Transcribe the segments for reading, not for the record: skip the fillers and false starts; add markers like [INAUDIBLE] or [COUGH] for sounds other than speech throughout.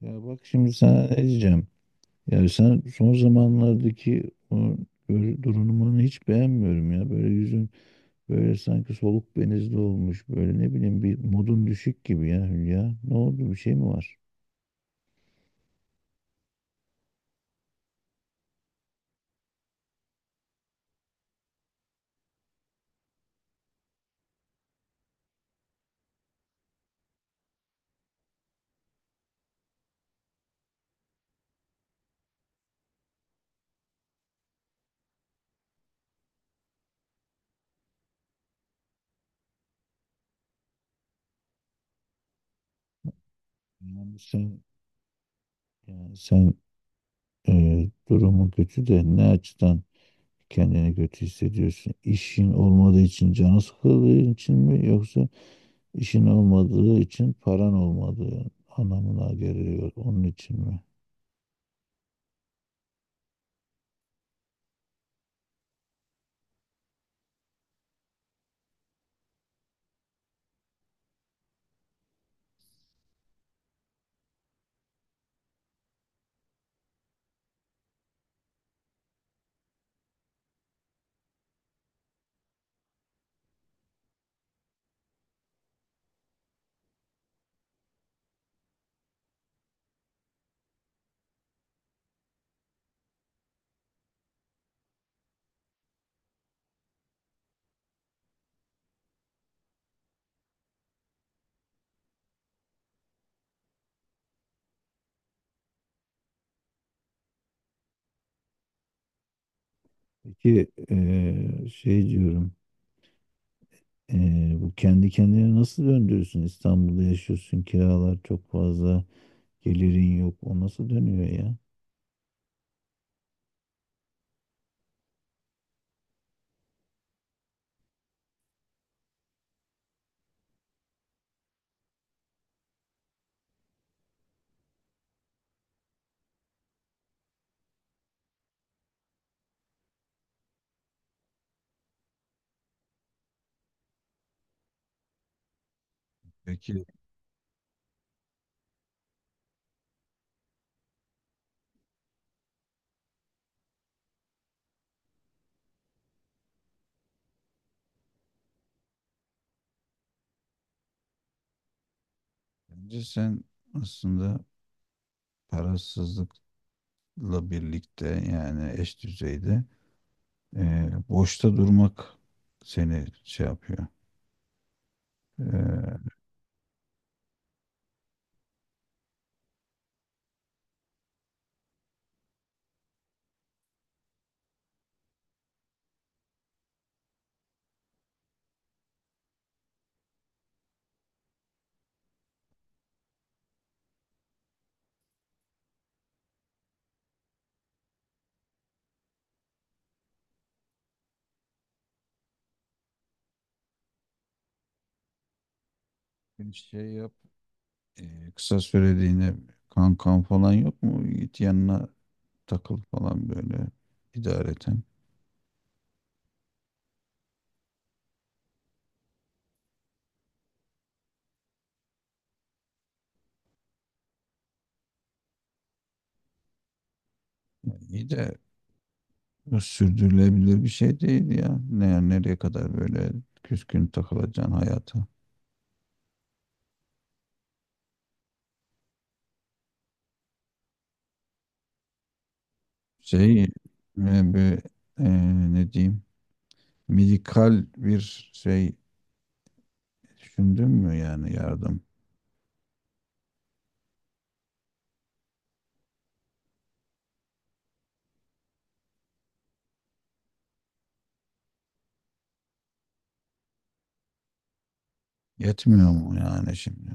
Ya bak şimdi sana ne diyeceğim. Yani sen son zamanlardaki o durumunu hiç beğenmiyorum ya. Böyle yüzün böyle sanki soluk benizli olmuş. Böyle ne bileyim, bir modun düşük gibi ya Hülya. Ne oldu, bir şey mi var? Yani sen yani sen durumun kötü de ne açıdan kendini kötü hissediyorsun? İşin olmadığı için canı sıkıldığı için mi, yoksa işin olmadığı için paran olmadığı anlamına geliyor onun için mi? Peki şey diyorum, bu kendi kendine nasıl döndürürsün? İstanbul'da yaşıyorsun, kiralar çok fazla, gelirin yok, o nasıl dönüyor ya? Peki bence sen aslında parasızlıkla birlikte, yani eş düzeyde, boşta durmak seni şey yapıyor. E, Bir şey yap, kısa süreliğine kankan falan yok mu? Git yanına takıl falan, böyle idareten. Yani iyi de bu sürdürülebilir bir şey değil ya. Ne, nereye kadar böyle küskün takılacaksın hayata? Şey, e, bir, e, Ne diyeyim, medikal bir şey düşündün mü, yani yardım? Yetmiyor mu yani şimdi?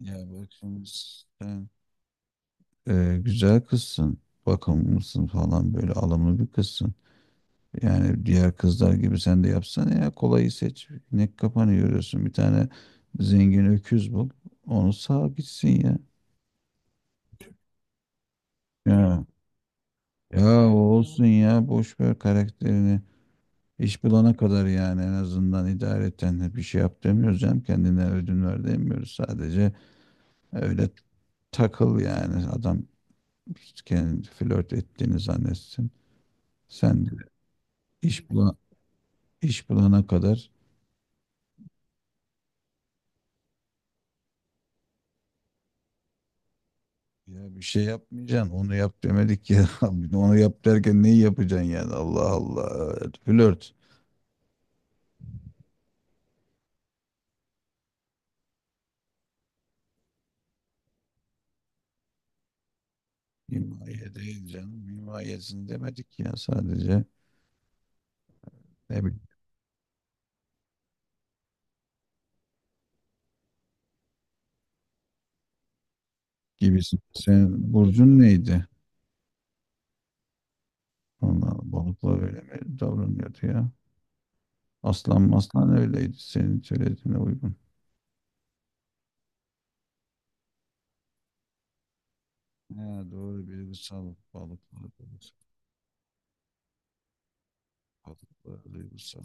Ya bak şimdi, sen güzel kızsın, bakımlısın falan, böyle alımlı bir kızsın. Yani diğer kızlar gibi sen de yapsana ya, kolayı seç. Ne kafanı yoruyorsun? Bir tane zengin öküz bul. Onu sağ gitsin ya. Ya, yani ya o olsun ya boş ver karakterini. İş bulana kadar, yani en azından idareten bir şey yap demiyoruz canım. Kendine ödün ver demiyoruz. Sadece öyle takıl yani. Adam kendi flört ettiğini zannetsin. Sen de iş bulan, iş bulana kadar ya bir şey yapmayacaksın. Onu yap demedik ya. [LAUGHS] Bir de onu yap derken neyi yapacaksın yani? Allah Allah. Flört. Himaye değil canım. Himayesini demedik ya, sadece. Ne bileyim. Gibisin. Senin burcun neydi? Vallahi balıklar öyle mi davranıyordu ya? Aslan maslan öyleydi, senin söylediğine uygun. Ha, doğru, duygusal balıklar. Balıklar duygusal.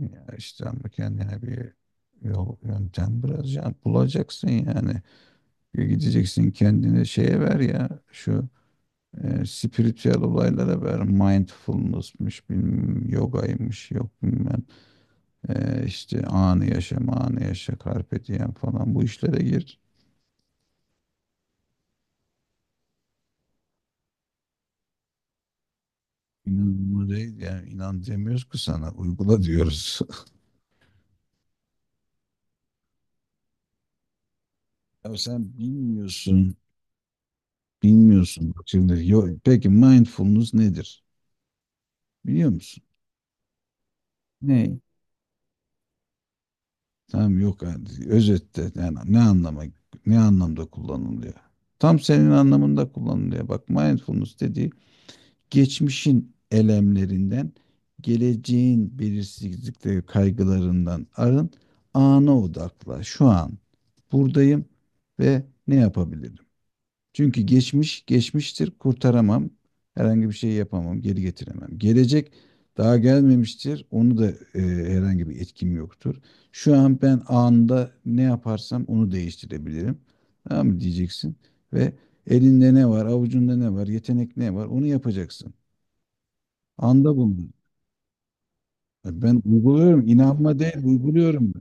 Ya işte, ama kendine bir yol yöntem biraz ya bulacaksın yani. Bir gideceksin, kendini şeye ver ya, şu spiritüel olaylara ver. Mindfulness'mış, bilmem yogaymış, yok bilmem. İşte anı yaşa, anı yaşa, carpe diem falan, bu işlere gir. İnanma değil, yani inan demiyoruz ki, sana uygula diyoruz. [LAUGHS] Ya sen bilmiyorsun, bilmiyorsun. Bak şimdi, peki mindfulness nedir? Biliyor musun? Ne? Tamam, yok yani, özette yani ne anlamda kullanılıyor? Tam senin anlamında kullanılıyor. Bak, mindfulness dediği, geçmişin elemlerinden, geleceğin belirsizlikleri, kaygılarından arın, ana odakla. Şu an buradayım ve ne yapabilirim? Çünkü geçmiş geçmiştir, kurtaramam. Herhangi bir şey yapamam, geri getiremem. Gelecek daha gelmemiştir. Onu da e, herhangi bir etkim yoktur. Şu an ben anında ne yaparsam onu değiştirebilirim. Tamam mı diyeceksin, ve elinde ne var, avucunda ne var, yetenek ne var, onu yapacaksın. Anda bulunur. E, ben uyguluyorum. İnanma değil, uyguluyorum.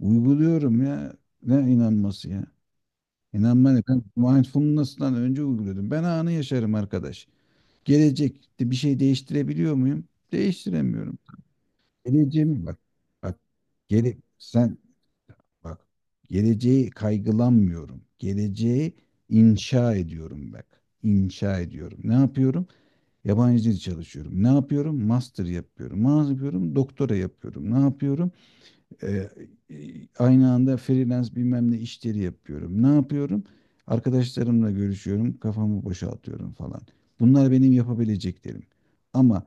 Uyguluyorum ya. Ne inanması ya? İnanma ne? Ben mindfulness'tan önce uyguluyordum. Ben anı yaşarım arkadaş. Gelecekte bir şey değiştirebiliyor muyum? Değiştiremiyorum. Geleceğimi, bak. Bak. Sen bak. Geleceği kaygılanmıyorum. Geleceği inşa ediyorum, bak. İnşa ediyorum. Ne yapıyorum? Yabancı dil çalışıyorum. Ne yapıyorum? Master yapıyorum. Ne yapıyorum? Doktora yapıyorum. Ne yapıyorum? Ee, e, aynı anda freelance bilmem ne işleri yapıyorum. Ne yapıyorum? Arkadaşlarımla görüşüyorum, kafamı boşaltıyorum falan. Bunlar benim yapabileceklerim. Ama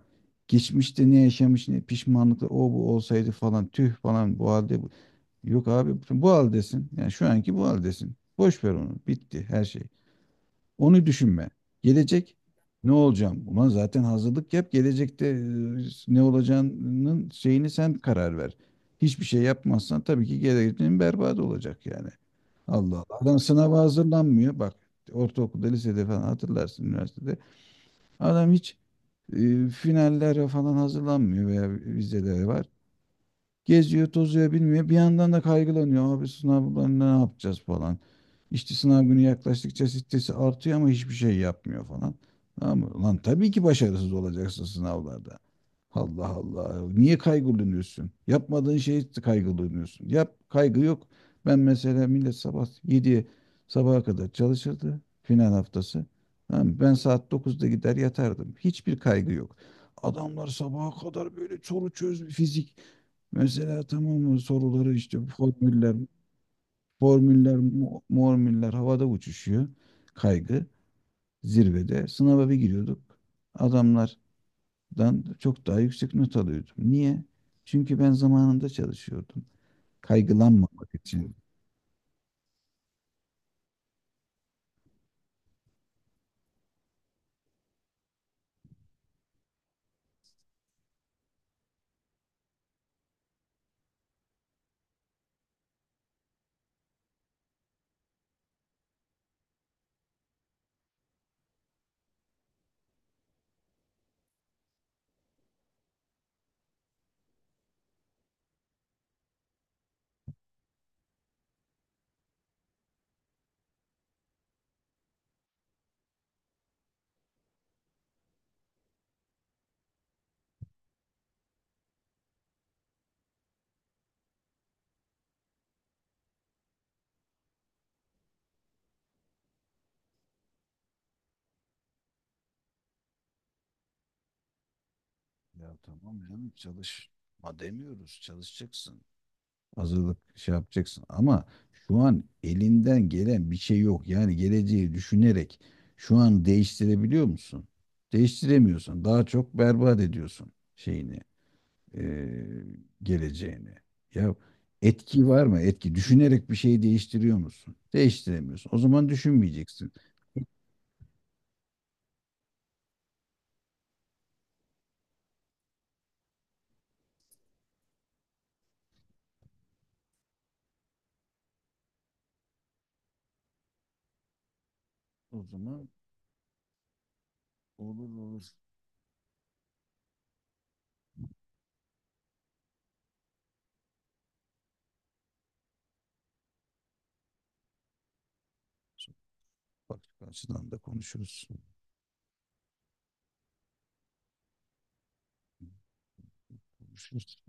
geçmişte ne yaşamış, ne pişmanlıklar, o bu olsaydı falan, tüh falan, bu halde. Yok abi, bu haldesin. Yani şu anki bu haldesin. Boş ver onu. Bitti her şey. Onu düşünme. Gelecek ne olacağım? Ulan zaten hazırlık yap. Gelecekte ne olacağının şeyini sen karar ver. Hiçbir şey yapmazsan tabii ki geleceğin berbat olacak yani. Allah Allah. Adam sınava hazırlanmıyor. Bak, ortaokulda, lisede falan hatırlarsın, üniversitede. Adam hiç finallere falan hazırlanmıyor veya vizelere var. Geziyor, tozuyor, bilmiyor. Bir yandan da kaygılanıyor. Abi sınavlarında ne yapacağız falan. İşte sınav günü yaklaştıkça stresi artıyor ama hiçbir şey yapmıyor falan. Tamam mı? Lan tabii ki başarısız olacaksın sınavlarda. Allah Allah. Niye kaygılanıyorsun? Yapmadığın şey kaygılanıyorsun. Yap, kaygı yok. Ben mesela, millet sabah 7'ye sabaha kadar çalışırdı. Final haftası. Tamam mı? Ben saat 9'da gider yatardım. Hiçbir kaygı yok. Adamlar sabaha kadar böyle soru çöz fizik. Mesela tamam mı, soruları işte formüller, formüller, mormüller havada uçuşuyor. Kaygı zirvede. Sınava bir giriyorduk. Adamlardan çok daha yüksek not alıyordum. Niye? Çünkü ben zamanında çalışıyordum. Kaygılanmamak için. Ya tamam canım, çalışma demiyoruz, çalışacaksın. Hazırlık şey yapacaksın, ama şu an elinden gelen bir şey yok. Yani geleceği düşünerek şu an değiştirebiliyor musun? Değiştiremiyorsun. Daha çok berbat ediyorsun şeyini, eee, geleceğini. Ya etki var mı? Etki. Düşünerek bir şeyi değiştiriyor musun? Değiştiremiyorsun. O zaman düşünmeyeceksin. O zaman olur olur. Bak açıdan da konuşuruz. Konuşuruz.